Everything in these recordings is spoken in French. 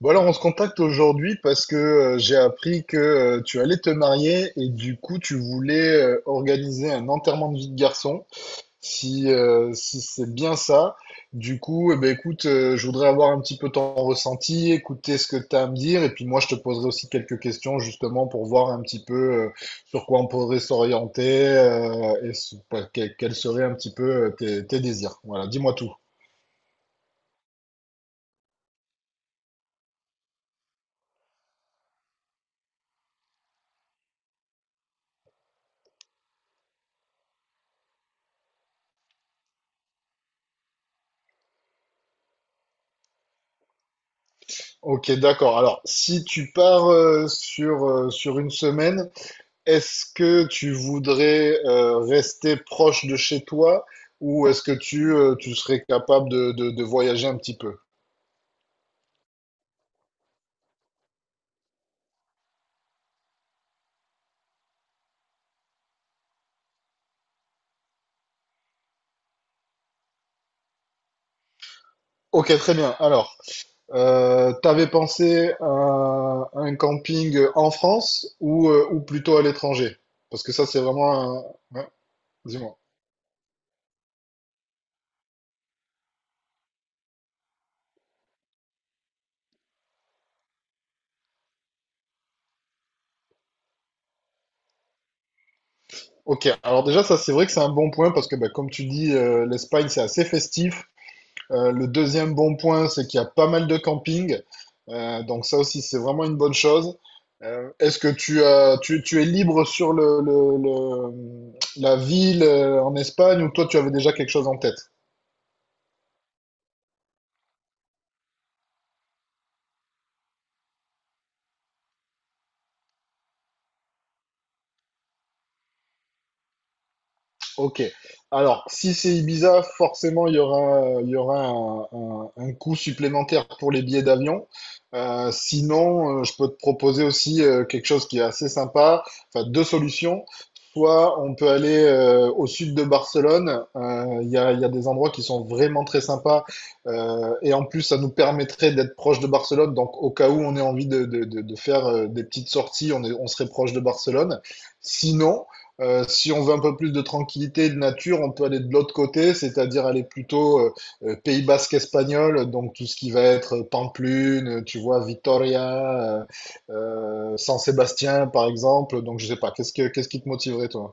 Bon alors on se contacte aujourd'hui parce que j'ai appris que tu allais te marier et du coup tu voulais organiser un enterrement de vie de garçon, si, si c'est bien ça. Du coup, eh ben, écoute, je voudrais avoir un petit peu ton ressenti, écouter ce que tu as à me dire et puis moi je te poserai aussi quelques questions justement pour voir un petit peu euh, sur quoi on pourrait s'orienter, quels seraient un petit peu tes désirs. Voilà, dis-moi tout. Ok, d'accord. Alors, si tu pars sur, sur une semaine, est-ce que tu voudrais rester proche de chez toi ou est-ce que tu, tu serais capable de voyager un petit peu? Ok, très bien. Alors, t'avais pensé à un camping en France ou plutôt à l'étranger? Parce que ça, c'est vraiment un... ouais, dis-moi. Ok, alors déjà, ça, c'est vrai que c'est un bon point parce que, bah, comme tu dis, l'Espagne, c'est assez festif. Le deuxième bon point, c'est qu'il y a pas mal de camping. Donc ça aussi, c'est vraiment une bonne chose. Est-ce que tu es libre sur le, la ville en Espagne ou toi, tu avais déjà quelque chose en tête? Ok. Alors, si c'est Ibiza, forcément, il y aura un, un coût supplémentaire pour les billets d'avion. Sinon, je peux te proposer aussi quelque chose qui est assez sympa. Enfin, deux solutions. Soit on peut aller au sud de Barcelone. Il y a des endroits qui sont vraiment très sympas. Et en plus, ça nous permettrait d'être proche de Barcelone. Donc, au cas où on ait envie de faire des petites sorties, on serait proche de Barcelone. Sinon, si on veut un peu plus de tranquillité et de nature, on peut aller de l'autre côté, c'est-à-dire aller plutôt Pays basque espagnol, donc tout ce qui va être Pamplune, tu vois, Vitoria, San Sébastien par exemple. Donc je sais pas, qu'est-ce qui te motiverait toi?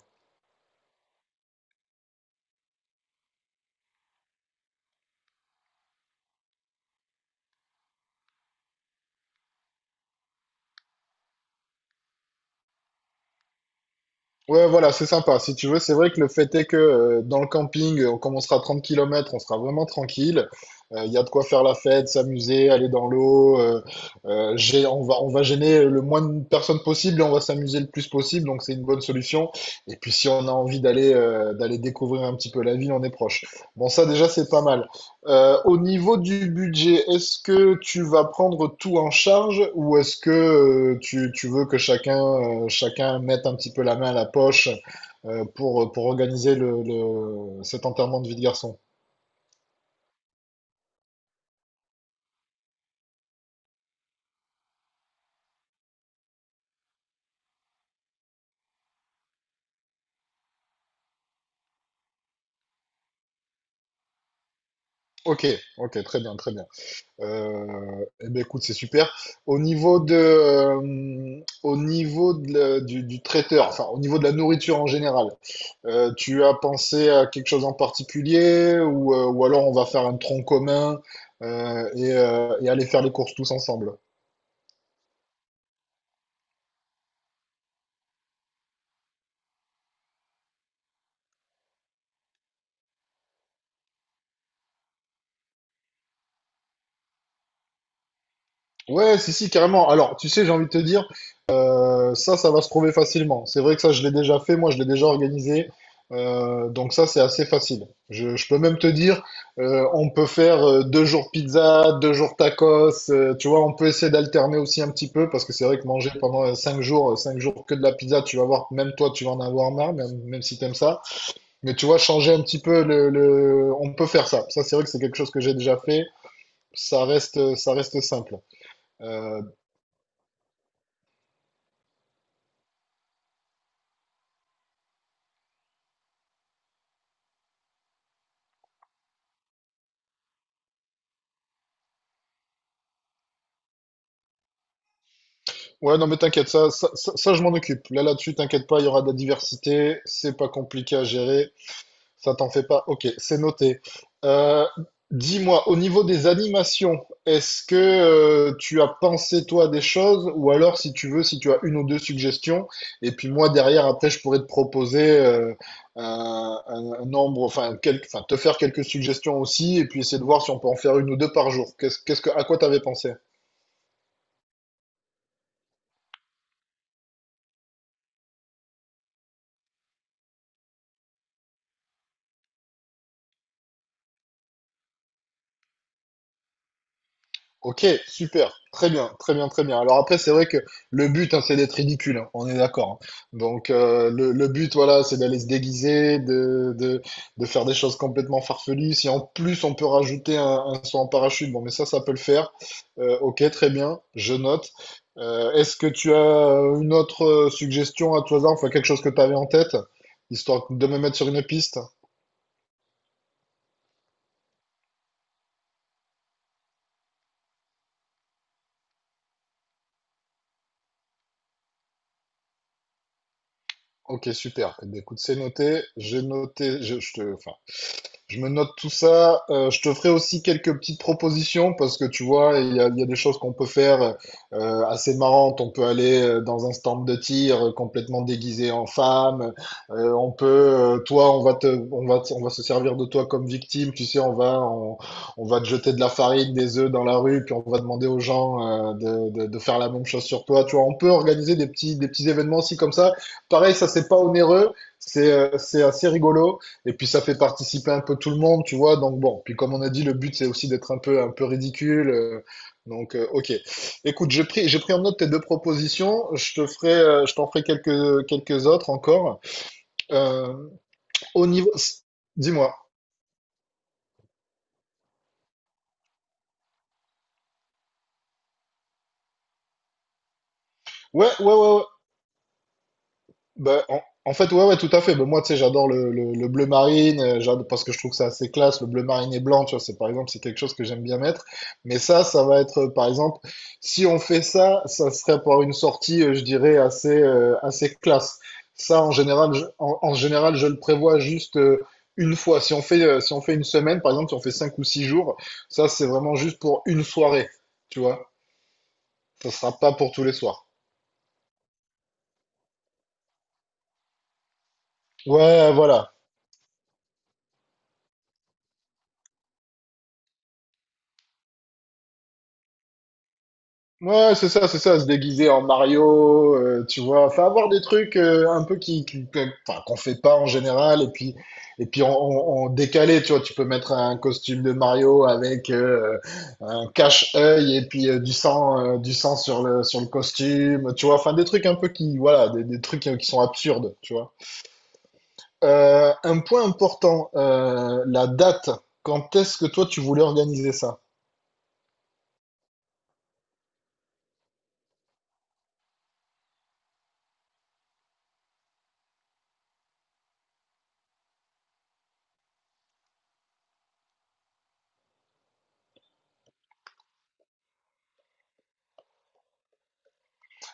Ouais, voilà, c'est sympa. Si tu veux, c'est vrai que le fait est que dans le camping, comme on sera à 30 kilomètres, on sera vraiment tranquille. Il y a de quoi faire la fête, s'amuser, aller dans l'eau. On va, on va gêner le moins de personnes possible et on va s'amuser le plus possible. Donc c'est une bonne solution. Et puis si on a envie d'aller d'aller découvrir un petit peu la ville, on est proche. Bon, ça déjà, c'est pas mal. Au niveau du budget, est-ce que tu vas prendre tout en charge ou est-ce que tu, tu veux que chacun, chacun mette un petit peu la main à la poche pour organiser le, cet enterrement de vie de garçon? Ok, ok, très bien, très bien. Eh ben écoute, c'est super. Au niveau de, au niveau du traiteur, enfin au niveau de la nourriture en général, tu as pensé à quelque chose en particulier ou alors on va faire un tronc commun et aller faire les courses tous ensemble. Ouais, si, si, carrément. Alors, tu sais, j'ai envie de te dire, ça, ça va se trouver facilement. C'est vrai que ça, je l'ai déjà fait, moi, je l'ai déjà organisé. Donc ça, c'est assez facile. Je peux même te dire, on peut faire 2 jours pizza, 2 jours tacos. Tu vois, on peut essayer d'alterner aussi un petit peu parce que c'est vrai que manger pendant cinq jours que de la pizza, tu vas voir, même toi, tu vas en avoir marre, même, même si t'aimes ça. Mais tu vois, changer un petit peu le, on peut faire ça. Ça, c'est vrai que c'est quelque chose que j'ai déjà fait. Ça reste simple. Euh, ouais, non, mais t'inquiète, ça, je m'en occupe. Là, là-dessus, t'inquiète pas, il y aura de la diversité. C'est pas compliqué à gérer. Ça t'en fait pas? Ok, c'est noté. Euh, Dis-moi, au niveau des animations, est-ce que tu as pensé toi des choses, ou alors si tu veux, si tu as une ou deux suggestions, et puis moi derrière après je pourrais te proposer un nombre, enfin, enfin, te faire quelques suggestions aussi, et puis essayer de voir si on peut en faire une ou deux par jour. À quoi t'avais pensé? Ok, super, très bien, très bien, très bien. Alors après, c'est vrai que le but, hein, c'est d'être ridicule, hein, on est d'accord. Hein. Donc le but, voilà, c'est d'aller se déguiser, de faire des choses complètement farfelues. Si en plus on peut rajouter un saut en parachute, bon, mais ça peut le faire. Ok, très bien, je note. Est-ce que tu as une autre suggestion à tout hasard, enfin quelque chose que tu avais en tête, histoire de me mettre sur une piste? Ok, super. Eh bien, écoute, c'est noté. J'ai noté, enfin, je me note tout ça. Je te ferai aussi quelques petites propositions parce que tu vois, il y a des choses qu'on peut faire assez marrantes. On peut aller dans un stand de tir complètement déguisé en femme. On peut, toi, on va se servir de toi comme victime. Tu sais, on va te jeter de la farine, des œufs dans la rue, puis on va demander aux gens de faire la même chose sur toi. Tu vois, on peut organiser des petits événements aussi comme ça. Pareil, ça c'est pas onéreux, c'est assez rigolo. Et puis ça fait participer un peu tout le monde, tu vois. Donc bon, puis comme on a dit, le but c'est aussi d'être un peu ridicule. Ok. Écoute, j'ai pris en note tes deux propositions. Je te ferai, je t'en ferai quelques autres encore. Euh, Au niveau, dis-moi. Ouais, ouais, ouais, ouais. Bah, en fait, ouais, ouais, tout à fait. Bah, moi, tu sais, j'adore le, le bleu marine, parce que je trouve que c'est assez classe. Le bleu marine et blanc, tu vois, c'est par exemple, c'est quelque chose que j'aime bien mettre. Mais ça va être, par exemple, si on fait ça, ça serait pour une sortie, je dirais, assez, assez classe. Ça, en général, en général, je le prévois juste une fois. Si on fait, si on fait une semaine, par exemple, si on fait 5 ou 6 jours, ça, c'est vraiment juste pour une soirée, tu vois. Ça sera pas pour tous les soirs. Ouais, voilà. Ouais, c'est ça, se déguiser en Mario, tu vois, enfin avoir des trucs un peu qui, enfin, qu'on fait pas en général, et puis en décalé, tu vois, tu peux mettre un costume de Mario avec un cache-œil et puis du sang sur le costume, tu vois, enfin des trucs un peu qui, voilà, des trucs qui sont absurdes, tu vois. Un point important, la date. Quand est-ce que toi tu voulais organiser ça?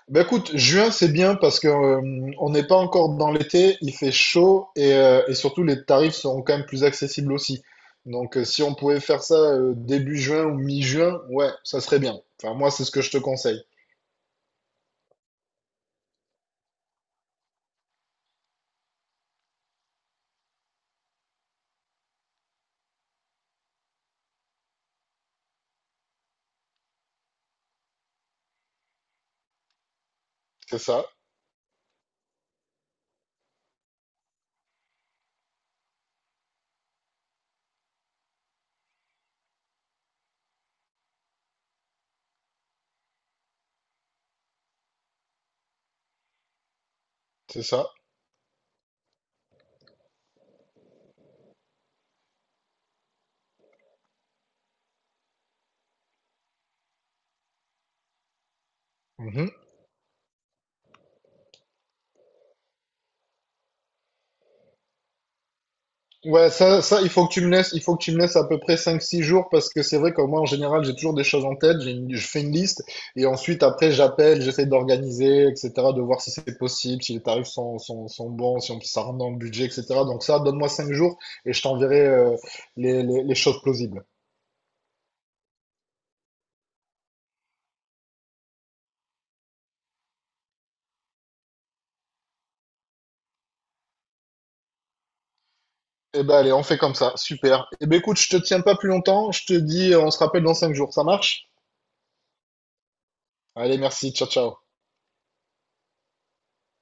Bah écoute, juin c'est bien parce que on n'est pas encore dans l'été, il fait chaud et surtout les tarifs seront quand même plus accessibles aussi. Donc si on pouvait faire ça début juin ou mi-juin, ouais, ça serait bien. Enfin moi c'est ce que je te conseille. C'est ça, c'est ça. Mhm. Ouais, ça, il faut que tu me laisses à peu près 5, 6 jours parce que c'est vrai que moi, en général, j'ai toujours des choses en tête, je fais une liste et ensuite, après, j'appelle, j'essaie d'organiser, etc., de voir si c'est possible, si les tarifs sont bons, si on, si ça rentre dans le budget, etc. Donc ça, donne-moi 5 jours et je t'enverrai les choses plausibles. Eh ben, allez, on fait comme ça, super. Eh ben, écoute, je te tiens pas plus longtemps, je te dis, on se rappelle dans 5 jours, ça marche? Allez, merci, ciao, ciao.